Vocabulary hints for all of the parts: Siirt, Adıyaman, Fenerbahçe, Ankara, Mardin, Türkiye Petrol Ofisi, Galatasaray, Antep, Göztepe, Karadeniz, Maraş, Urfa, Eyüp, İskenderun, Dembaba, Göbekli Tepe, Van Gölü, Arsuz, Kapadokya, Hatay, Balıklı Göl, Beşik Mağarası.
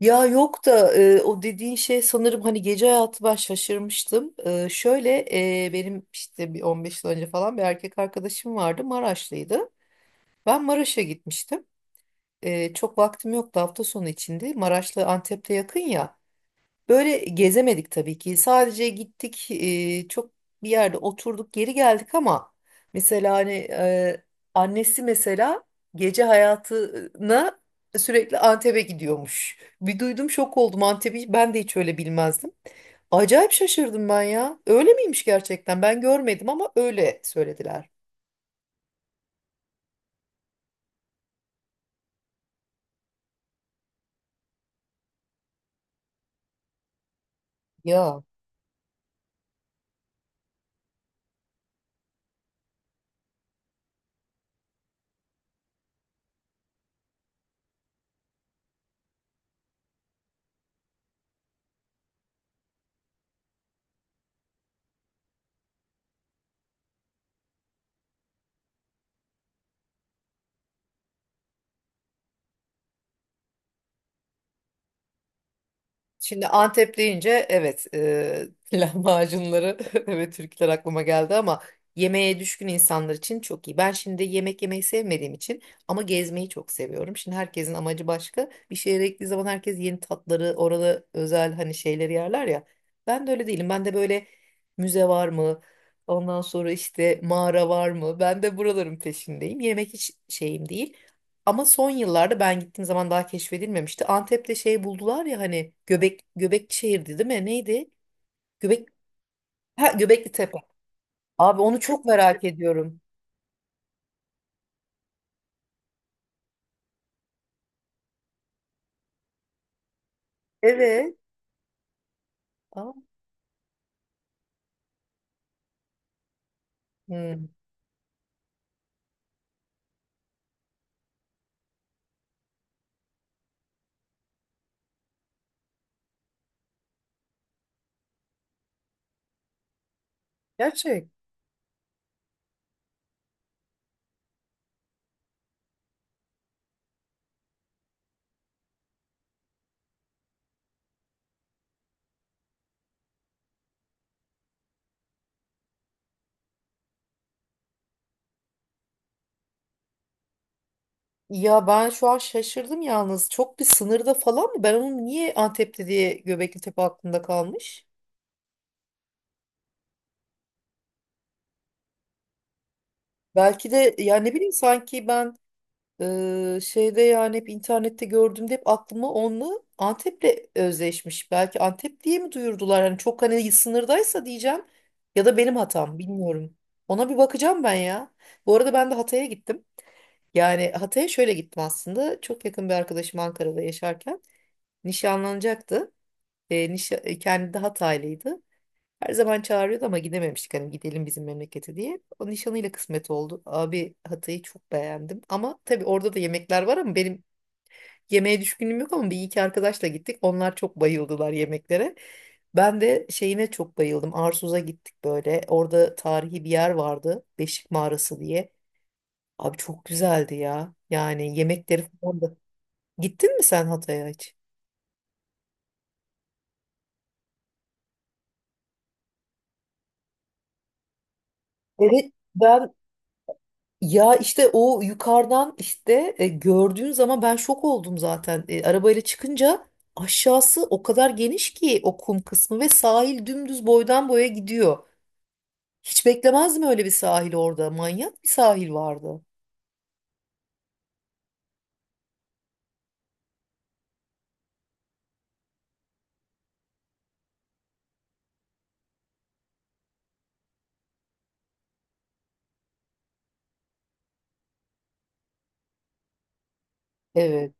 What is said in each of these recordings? Ya yok da o dediğin şey sanırım hani gece hayatı ben şaşırmıştım. Şöyle benim işte bir 15 yıl önce falan bir erkek arkadaşım vardı, Maraşlıydı. Ben Maraş'a gitmiştim. Çok vaktim yoktu hafta sonu içinde. Maraş'la Antep'te yakın ya. Böyle gezemedik tabii ki. Sadece gittik, çok bir yerde oturduk, geri geldik ama mesela hani annesi mesela gece hayatına sürekli Antep'e gidiyormuş. Bir duydum şok oldum Antep'i. Ben de hiç öyle bilmezdim. Acayip şaşırdım ben ya. Öyle miymiş gerçekten? Ben görmedim ama öyle söylediler. Ya. Şimdi Antep deyince evet lahmacunları evet Türkler aklıma geldi ama yemeğe düşkün insanlar için çok iyi. Ben şimdi yemek yemeyi sevmediğim için ama gezmeyi çok seviyorum. Şimdi herkesin amacı başka. Bir şehre gittiği zaman herkes yeni tatları, orada özel hani şeyleri yerler ya. Ben de öyle değilim. Ben de böyle müze var mı? Ondan sonra işte mağara var mı? Ben de buraların peşindeyim. Yemek hiç şeyim değil. Ama son yıllarda ben gittiğim zaman daha keşfedilmemişti. Antep'te şey buldular ya hani Göbekli şehirdi değil mi? Neydi? Göbek ha, Göbekli Tepe. Abi onu çok merak ediyorum. Evet. Aa, hmm, Gerçek. Ya ben şu an şaşırdım yalnız. Çok bir sınırda falan mı? Ben onu niye Antep'te diye Göbekli Tepe aklımda kalmış? Belki de ya ne bileyim sanki ben şeyde yani hep internette gördüğümde hep aklıma onunla Antep'le özleşmiş. Belki Antep diye mi duyurdular? Hani çok hani sınırdaysa diyeceğim ya da benim hatam bilmiyorum. Ona bir bakacağım ben ya. Bu arada ben de Hatay'a gittim. Yani Hatay'a şöyle gittim aslında. Çok yakın bir arkadaşım Ankara'da yaşarken nişanlanacaktı. Kendi de Hataylıydı. Her zaman çağırıyordu ama gidememiştik, hani gidelim bizim memlekete diye. O nişanıyla kısmet oldu. Abi Hatay'ı çok beğendim. Ama tabii orada da yemekler var ama benim yemeğe düşkünlüğüm yok ama bir iki arkadaşla gittik. Onlar çok bayıldılar yemeklere. Ben de şeyine çok bayıldım. Arsuz'a gittik böyle. Orada tarihi bir yer vardı, Beşik Mağarası diye. Abi çok güzeldi ya. Yani yemekleri falan da. Gittin mi sen Hatay'a hiç? Evet ben ya, işte o yukarıdan işte gördüğün zaman ben şok oldum zaten. Arabayla çıkınca aşağısı o kadar geniş ki, o kum kısmı ve sahil dümdüz boydan boya gidiyor. Hiç beklemezdim öyle bir sahil orada. Manyak bir sahil vardı. Evet.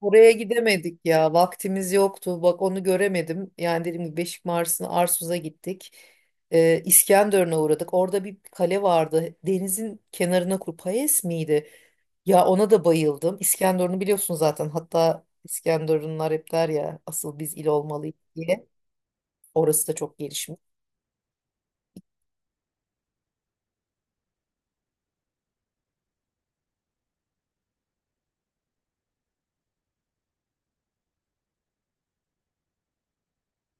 Oraya gidemedik ya. Vaktimiz yoktu. Bak onu göremedim. Yani dediğim gibi Beşik Mars'ına, Arsuz'a gittik. İskenderun'a uğradık. Orada bir kale vardı. Denizin kenarına kur. Payes miydi? Ya ona da bayıldım. İskenderun'u biliyorsun zaten. Hatta İskenderunlar hep der ya asıl biz il olmalıyız diye. Orası da çok gelişmiş.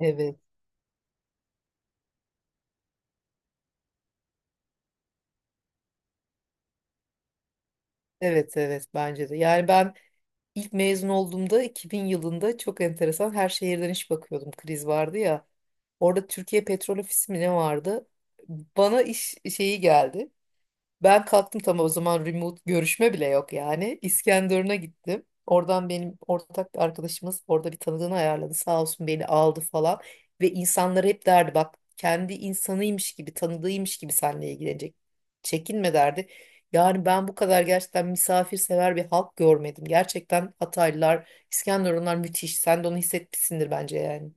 Evet. Evet evet bence de. Yani ben İlk mezun olduğumda 2000 yılında çok enteresan, her şehirden iş bakıyordum, kriz vardı ya. Orada Türkiye Petrol Ofisi mi ne vardı? Bana iş şeyi geldi. Ben kalktım, tam o zaman remote görüşme bile yok yani. İskenderun'a gittim. Oradan benim ortak bir arkadaşımız orada bir tanıdığını ayarladı. Sağ olsun beni aldı falan. Ve insanlara hep derdi, bak, kendi insanıymış gibi, tanıdığıymış gibi seninle ilgilenecek. Çekinme derdi. Yani ben bu kadar gerçekten misafirsever bir halk görmedim. Gerçekten Hataylılar, İskenderunlar müthiş. Sen de onu hissetmişsindir bence yani.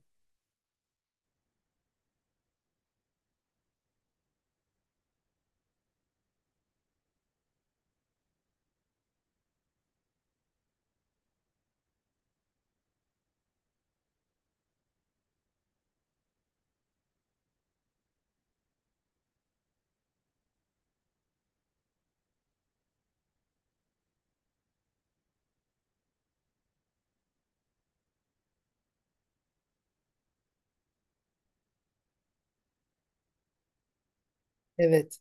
Evet,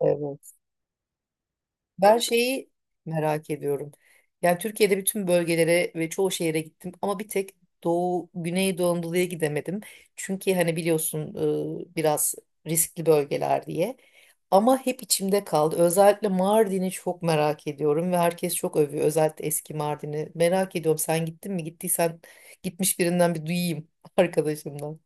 evet. Ben şeyi merak ediyorum. Yani Türkiye'de bütün bölgelere ve çoğu şehire gittim ama bir tek Doğu, Güneydoğu Anadolu'ya gidemedim. Çünkü hani biliyorsun biraz riskli bölgeler diye. Ama hep içimde kaldı. Özellikle Mardin'i çok merak ediyorum ve herkes çok övüyor. Özellikle eski Mardin'i. Merak ediyorum sen gittin mi? Gittiysen gitmiş birinden bir duyayım arkadaşımdan.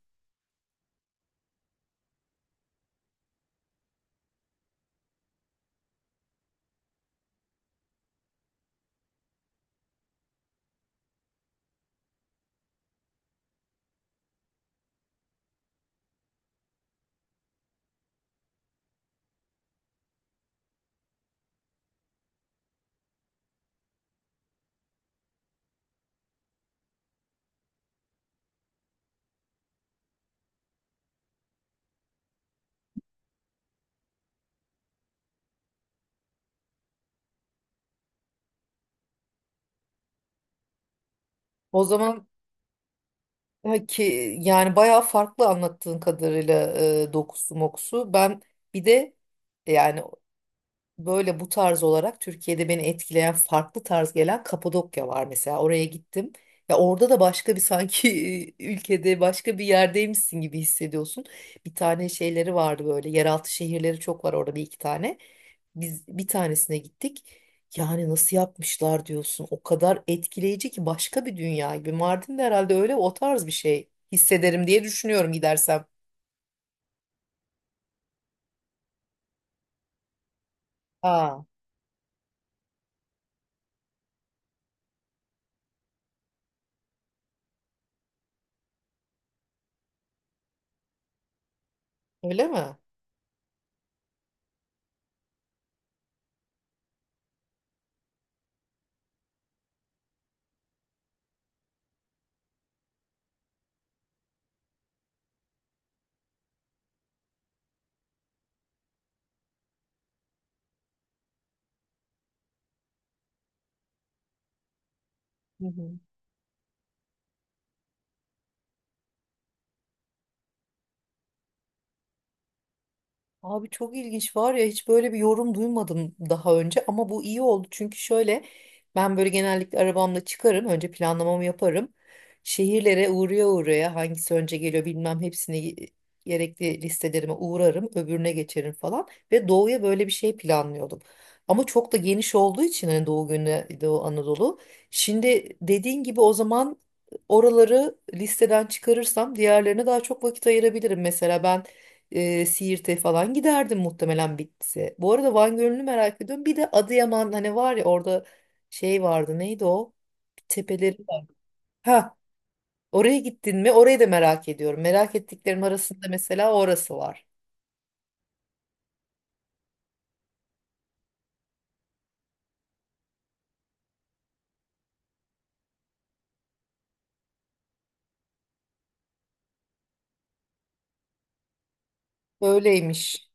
O zaman ya ki yani bayağı farklı anlattığın kadarıyla dokusu mokusu. Ben bir de yani böyle bu tarz olarak Türkiye'de beni etkileyen farklı tarz gelen Kapadokya var mesela. Oraya gittim. Ya orada da başka bir sanki ülkede başka bir yerdeymişsin gibi hissediyorsun. Bir tane şeyleri vardı böyle, yeraltı şehirleri çok var orada, bir iki tane. Biz bir tanesine gittik. Yani nasıl yapmışlar diyorsun. O kadar etkileyici ki başka bir dünya gibi. Mardin'de herhalde öyle o tarz bir şey hissederim diye düşünüyorum gidersem. Aa, öyle mi? Hı hı. Abi çok ilginç var ya, hiç böyle bir yorum duymadım daha önce ama bu iyi oldu çünkü şöyle, ben böyle genellikle arabamla çıkarım, önce planlamamı yaparım, şehirlere uğraya uğraya, hangisi önce geliyor bilmem, hepsini gerekli listelerime uğrarım, öbürüne geçerim falan. Ve doğuya böyle bir şey planlıyordum ama çok da geniş olduğu için hani doğu günü Doğu Anadolu, şimdi dediğin gibi o zaman oraları listeden çıkarırsam diğerlerine daha çok vakit ayırabilirim. Mesela ben Siirt'e falan giderdim muhtemelen bitse. Bu arada Van Gölü'nü merak ediyorum. Bir de Adıyaman, hani var ya orada şey vardı, neydi o? Bir tepeleri var. Ha, oraya gittin mi? Orayı da merak ediyorum. Merak ettiklerim arasında mesela orası var. Öyleymiş.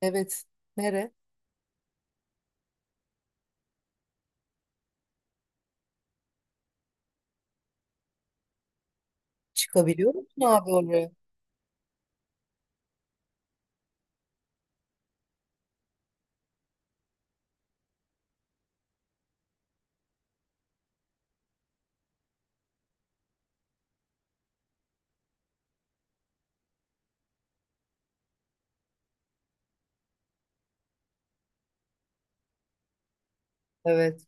Evet. Nere? Çıkabiliyor musun abi oraya? Evet.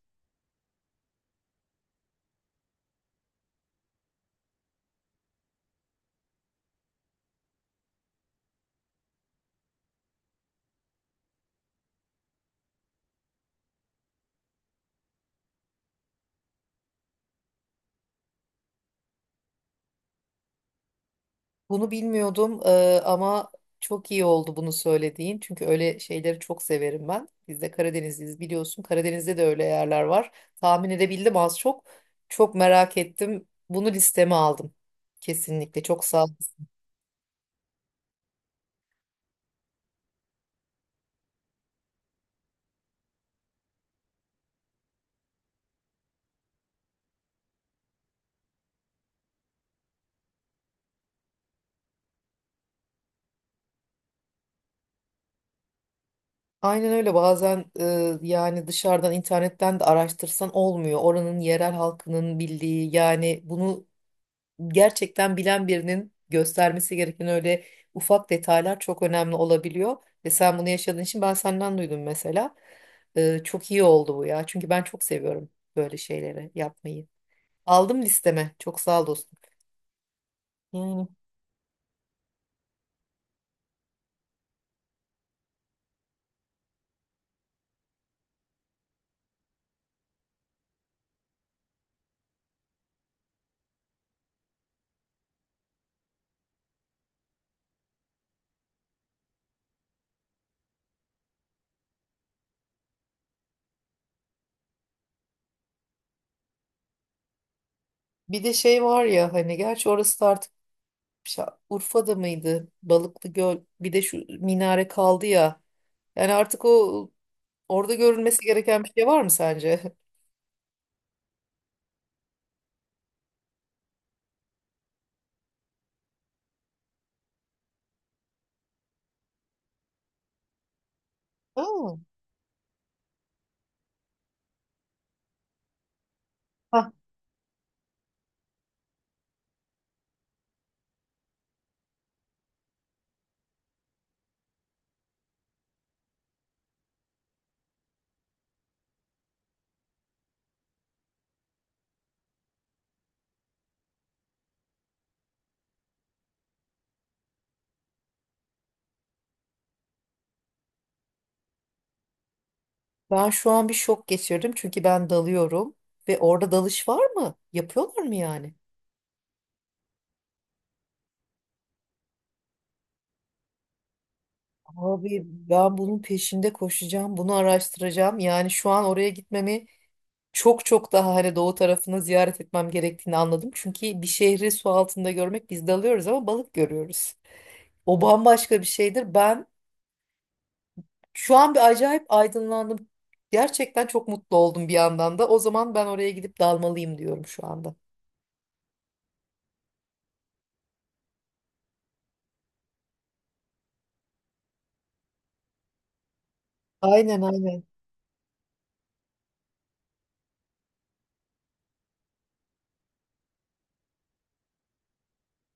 Bunu bilmiyordum, ama çok iyi oldu bunu söylediğin. Çünkü öyle şeyleri çok severim ben. Biz de Karadenizliyiz biliyorsun. Karadeniz'de de öyle yerler var. Tahmin edebildim az çok. Çok merak ettim. Bunu listeme aldım. Kesinlikle, çok sağ ol. Aynen öyle. Bazen yani dışarıdan internetten de araştırsan olmuyor. Oranın yerel halkının bildiği, yani bunu gerçekten bilen birinin göstermesi gereken öyle ufak detaylar çok önemli olabiliyor. Ve sen bunu yaşadığın için ben senden duydum mesela. Çok iyi oldu bu ya. Çünkü ben çok seviyorum böyle şeyleri yapmayı. Aldım listeme. Çok sağ ol dostum. Yani bir de şey var ya hani, gerçi orası da artık şa- Urfa'da mıydı? Balıklı Göl. Bir de şu minare kaldı ya. Yani artık o orada görülmesi gereken bir şey var mı sence? Ha. Ben şu an bir şok geçirdim çünkü ben dalıyorum ve orada dalış var mı? Yapıyorlar mı yani? Abi ben bunun peşinde koşacağım, bunu araştıracağım. Yani şu an oraya gitmemi, çok çok daha hani doğu tarafını ziyaret etmem gerektiğini anladım. Çünkü bir şehri su altında görmek, biz dalıyoruz ama balık görüyoruz. O bambaşka bir şeydir. Ben şu an bir acayip aydınlandım. Gerçekten çok mutlu oldum bir yandan da. O zaman ben oraya gidip dalmalıyım diyorum şu anda. Aynen aynen.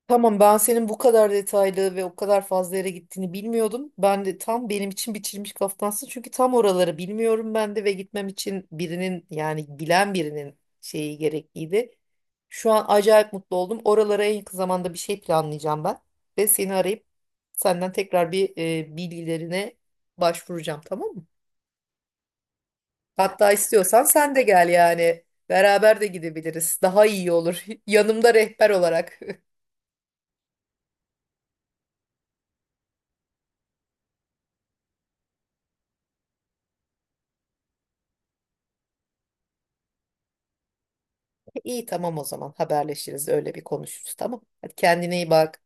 Tamam, ben senin bu kadar detaylı ve o kadar fazla yere gittiğini bilmiyordum. Ben de tam, benim için biçilmiş kaftansın. Çünkü tam oraları bilmiyorum ben de ve gitmem için birinin, yani bilen birinin şeyi gerekliydi. Şu an acayip mutlu oldum. Oralara en yakın zamanda bir şey planlayacağım ben. Ve seni arayıp senden tekrar bir bilgilerine başvuracağım, tamam mı? Hatta istiyorsan sen de gel yani. Beraber de gidebiliriz. Daha iyi olur. Yanımda rehber olarak. İyi, tamam, o zaman haberleşiriz, öyle bir konuşuruz, tamam. Hadi kendine iyi bak.